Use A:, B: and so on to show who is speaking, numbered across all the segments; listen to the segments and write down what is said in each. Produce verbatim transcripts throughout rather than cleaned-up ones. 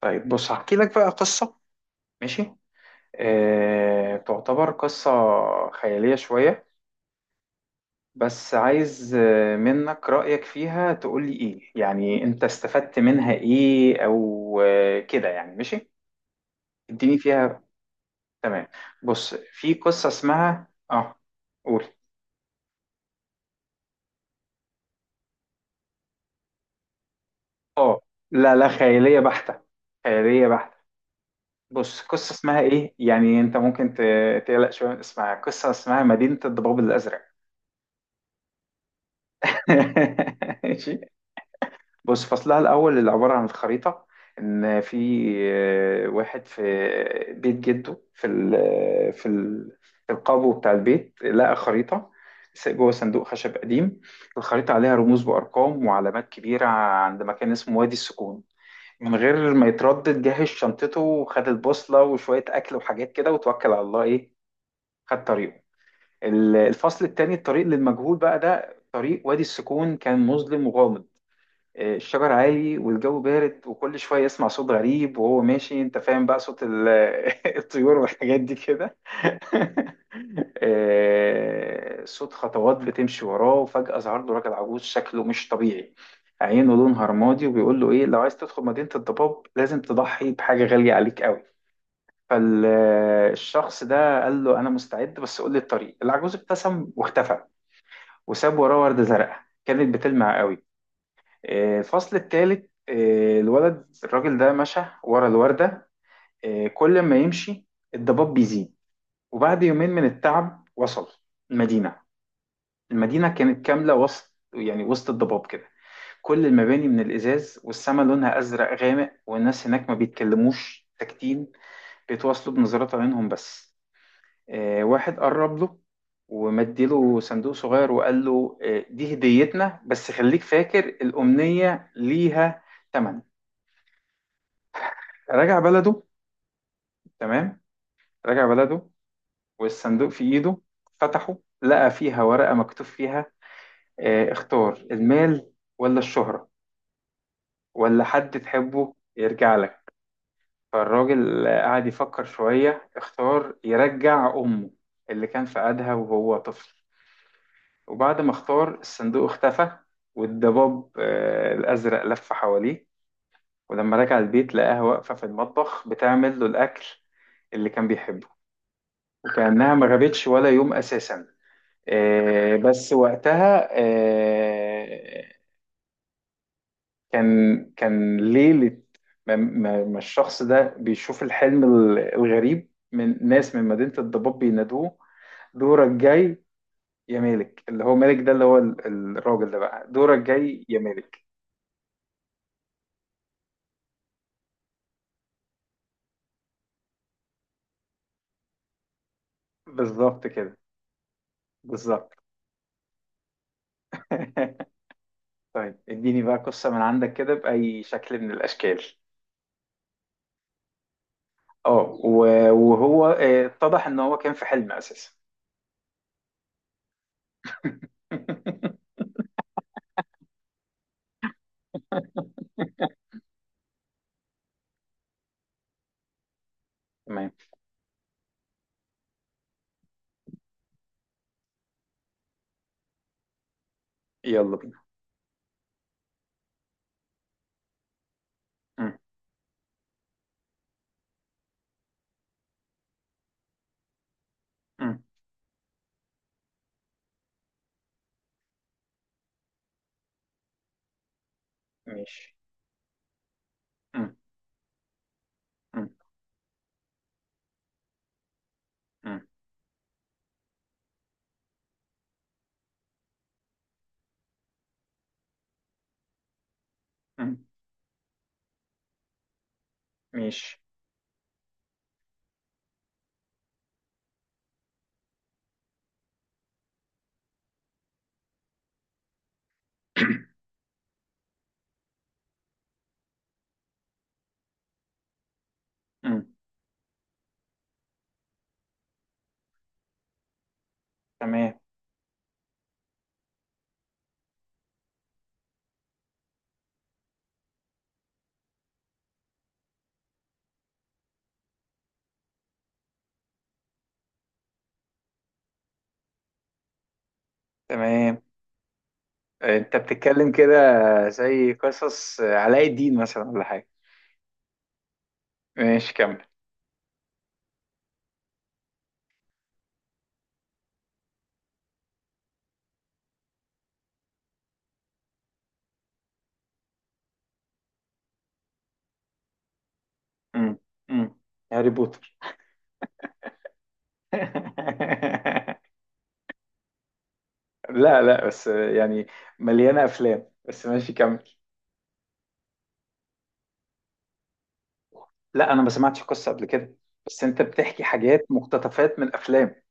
A: طيب، بص هحكي لك بقى قصة. ماشي. آه، تعتبر قصة خيالية شوية، بس عايز آه، منك رأيك فيها، تقول لي إيه يعني أنت استفدت منها إيه أو آه، كده يعني. ماشي. اديني فيها. تمام. بص، في قصة اسمها آه قول. آه لا لا، خيالية بحتة، خيالية بحتة. بص، قصة اسمها إيه، يعني أنت ممكن ت- تقلق شوية من اسمها. قصة اسمها مدينة الضباب الأزرق. ماشي. بص، فصلها الأول اللي عبارة عن الخريطة، إن في آه، واحد في بيت جده، في ال في ال في القابو بتاع البيت، لقى خريطة س- جوه صندوق خشب قديم. الخريطة عليها رموز وأرقام وعلامات كبيرة عند مكان اسمه وادي السكون. من غير ما يتردد جهز شنطته وخد البوصلة وشوية أكل وحاجات كده وتوكل على الله، إيه، خد طريقه. ال- الفصل التاني، الطريق للمجهول، بقى ده طريق وادي السكون، كان مظلم وغامض. آه، الشجر عالي والجو بارد وكل شوية يسمع صوت غريب وهو ماشي. انت فاهم بقى صوت ال- الطيور والحاجات دي كده. آه، صوت خطوات بتمشي وراه، وفجأة ظهر له راجل عجوز شكله مش طبيعي، عينه لونها رمادي، وبيقول له ايه، لو عايز تدخل مدينة الضباب لازم تضحي بحاجة غالية عليك قوي. فالشخص ده قال له، انا مستعد بس قول لي الطريق. العجوز ابتسم واختفى، وساب وراه وردة زرقاء كانت بتلمع قوي. آه، الفصل التالت. آه، الولد الراجل ده مشى ورا الوردة. آه، كل ما يمشي الضباب بيزيد، وبعد يومين من التعب وصل المدينة. المدينة كانت كاملة وسط، يعني وسط الضباب كده. كل المباني من الإزاز، والسما لونها أزرق غامق، والناس هناك ما بيتكلموش، ساكتين، بيتواصلوا بنظرات عينهم بس. آه، واحد قرب له ومديله صندوق صغير وقال له، آه، دي هديتنا بس خليك فاكر الأمنية ليها تمن. راجع بلده. تمام. راجع بلده والصندوق في ايده، فتحه لقى فيها ورقة مكتوب فيها آه، اختار المال، ولا الشهرة، ولا حد تحبه يرجع لك. فالراجل قعد يفكر شوية، اختار يرجع أمه اللي كان في قدها وهو طفل. وبعد ما اختار الصندوق اختفى، والضباب آه، الأزرق لف حواليه. ولما رجع البيت لقاها واقفة في المطبخ بتعمل له الأكل اللي كان بيحبه، وكأنها ما غابتش ولا يوم أساسا. آه، بس وقتها آه، كان كان ليلة ما ما- ما الشخص ده بيشوف الحلم ال- الغريب، من ناس من مدينة الضباب بينادوه، دورك جاي يا مالك. اللي هو مالك ده، اللي هو ال- الراجل ده بقى، دورك جاي يا مالك. بالظبط كده. بالظبط. طيب، اديني بقى قصة من عندك كده بأي شكل من الأشكال. اه، و- وهو آه، اتضح ان هو كان في حلم أساسا. تمام، يلا بينا. م- م- ماشي. م- م- م- م- ماشي. م- تمام. تمام، انت بتتكلم كده زي قصص علاء الدين مثلا ولا حاجة؟ ماشي كمل. م- م. هاري بوتر. لا لا، بس يعني مليانة أفلام، بس ماشي كمل. لا، أنا ما سمعتش قصة قبل كده، بس أنت بتحكي حاجات مقتطفات من أفلام.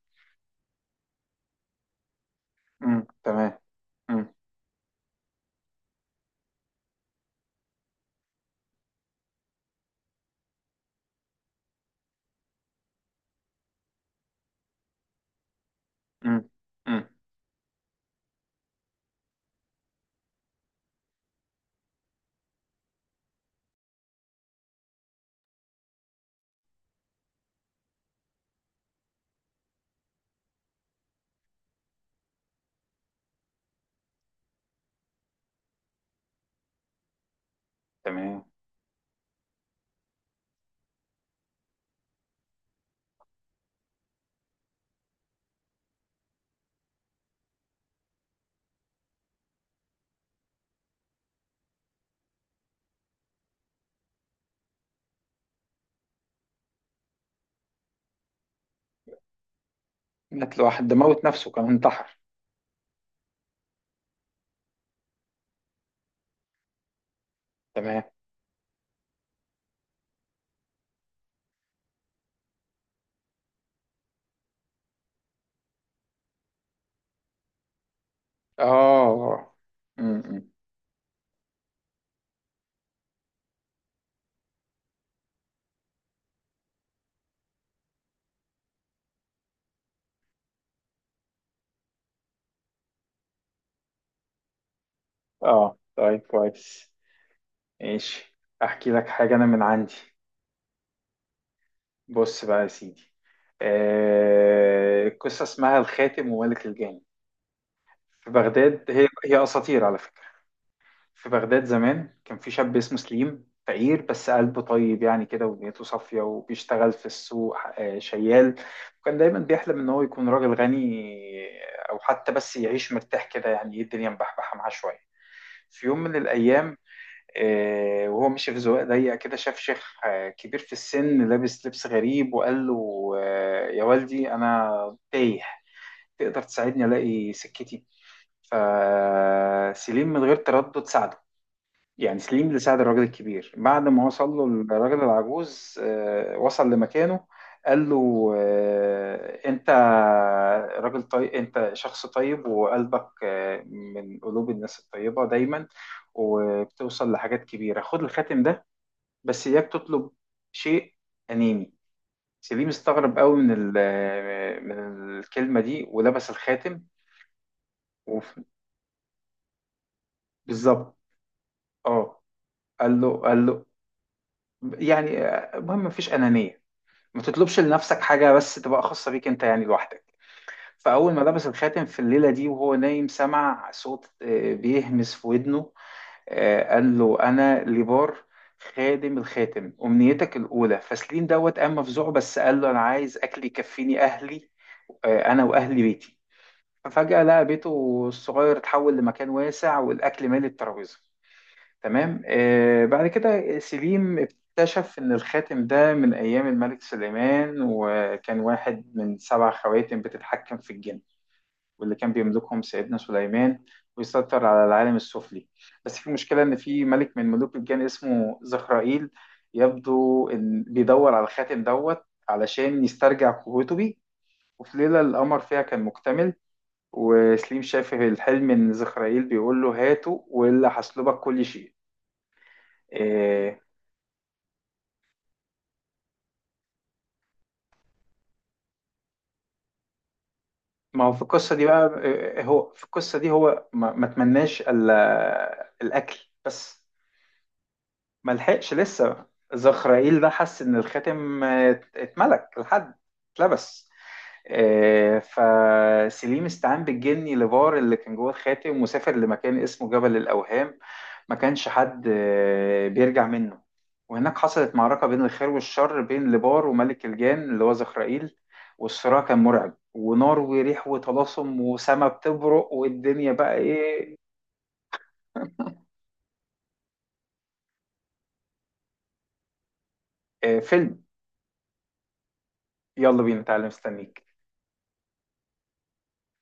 A: م، تمام. م- م- م. تمام. مات لوحده، ده موت نفسه، كان انتحر. تمام. اه. م-م. اه. طيب كويس. ماشي. احكي لك حاجة انا من عندي. بص بقى يا سيدي، آه... القصة اسمها الخاتم وملك الجان. في بغداد، هي هي اساطير على فكرة. في بغداد زمان كان في شاب اسمه سليم، فقير بس قلبه طيب يعني كده، ونيته صافية، وبيشتغل في السوق آه، شيال، وكان دايما بيحلم إن هو يكون راجل غني، آه، أو حتى بس يعيش مرتاح كده، يعني إيه، الدنيا مبحبحة معاه شوية. في يوم من الأيام آه، وهو ماشي في زوايا ضيقة كده، شاف شيخ آه، كبير في السن لابس لبس غريب، وقال له آه، يا والدي أنا تايه، تقدر تساعدني ألاقي سكتي؟ فسليم من غير تردد ساعده. يعني سليم اللي ساعد الراجل الكبير. بعد ما وصل له الراجل العجوز آه، وصل لمكانه، قال له آه، انت راجل طيب، انت شخص طيب، وقلبك آه، من قلوب الناس الطيبة دايما، وبتوصل لحاجات كبيرة. خد الخاتم ده، بس اياك تطلب شيء أناني. سليم استغرب قوي من ال- آه، من الكلمة دي، ولبس الخاتم. وف- بالظبط. اه. قال له قال له يعني آه، المهم مفيش أنانية، ما تطلبش لنفسك حاجة بس تبقى خاصة بيك انت يعني لوحدك. فأول ما لبس الخاتم في الليلة دي وهو نايم سمع صوت آه، بيهمس في ودنه. آه، قال له، أنا ليبار، خادم الخاتم، أمنيتك الأولى. فسليم دوت قام مفزوع، بس قال له أنا عايز أكل يكفيني أهلي، آه، أنا وأهلي بيتي. ففجأة لقى بيته الصغير اتحول لمكان واسع، والأكل مالي الترابيزة. تمام. آه بعد كده سليم اكتشف إن الخاتم ده من أيام الملك سليمان، وكان واحد من سبع خواتم بتتحكم في الجن، واللي كان بيملكهم سيدنا سليمان ويسيطر على العالم السفلي. بس في مشكلة، إن في ملك من ملوك الجن اسمه زخرائيل، يبدو إن بيدور على الخاتم دوت علشان يسترجع قوته بيه. وفي ليلة القمر فيها كان مكتمل، وسليم شاف في الحلم إن زخرائيل بيقول له، هاته وإلا هسلبك كل شيء. آه، ما هو في القصة دي بقى آه، هو في القصة دي هو ما, ما تمناش ال- الأكل بس. ما لحقش لسه. زخرائيل ده حس إن الخاتم آه، اتملك لحد، اتلبس. آه، فسليم استعان بالجني لبار اللي كان جوه الخاتم، وسافر لمكان اسمه جبل الأوهام، ما كانش حد آه، بيرجع منه. وهناك حصلت معركة بين الخير والشر، بين لبار وملك الجان اللي هو زخرائيل، والصراع كان مرعب، ونار وريح وطلاسم وسما بتبرق والدنيا بقى ايه. آه، فيلم. يلا بينا تعالى مستنيك.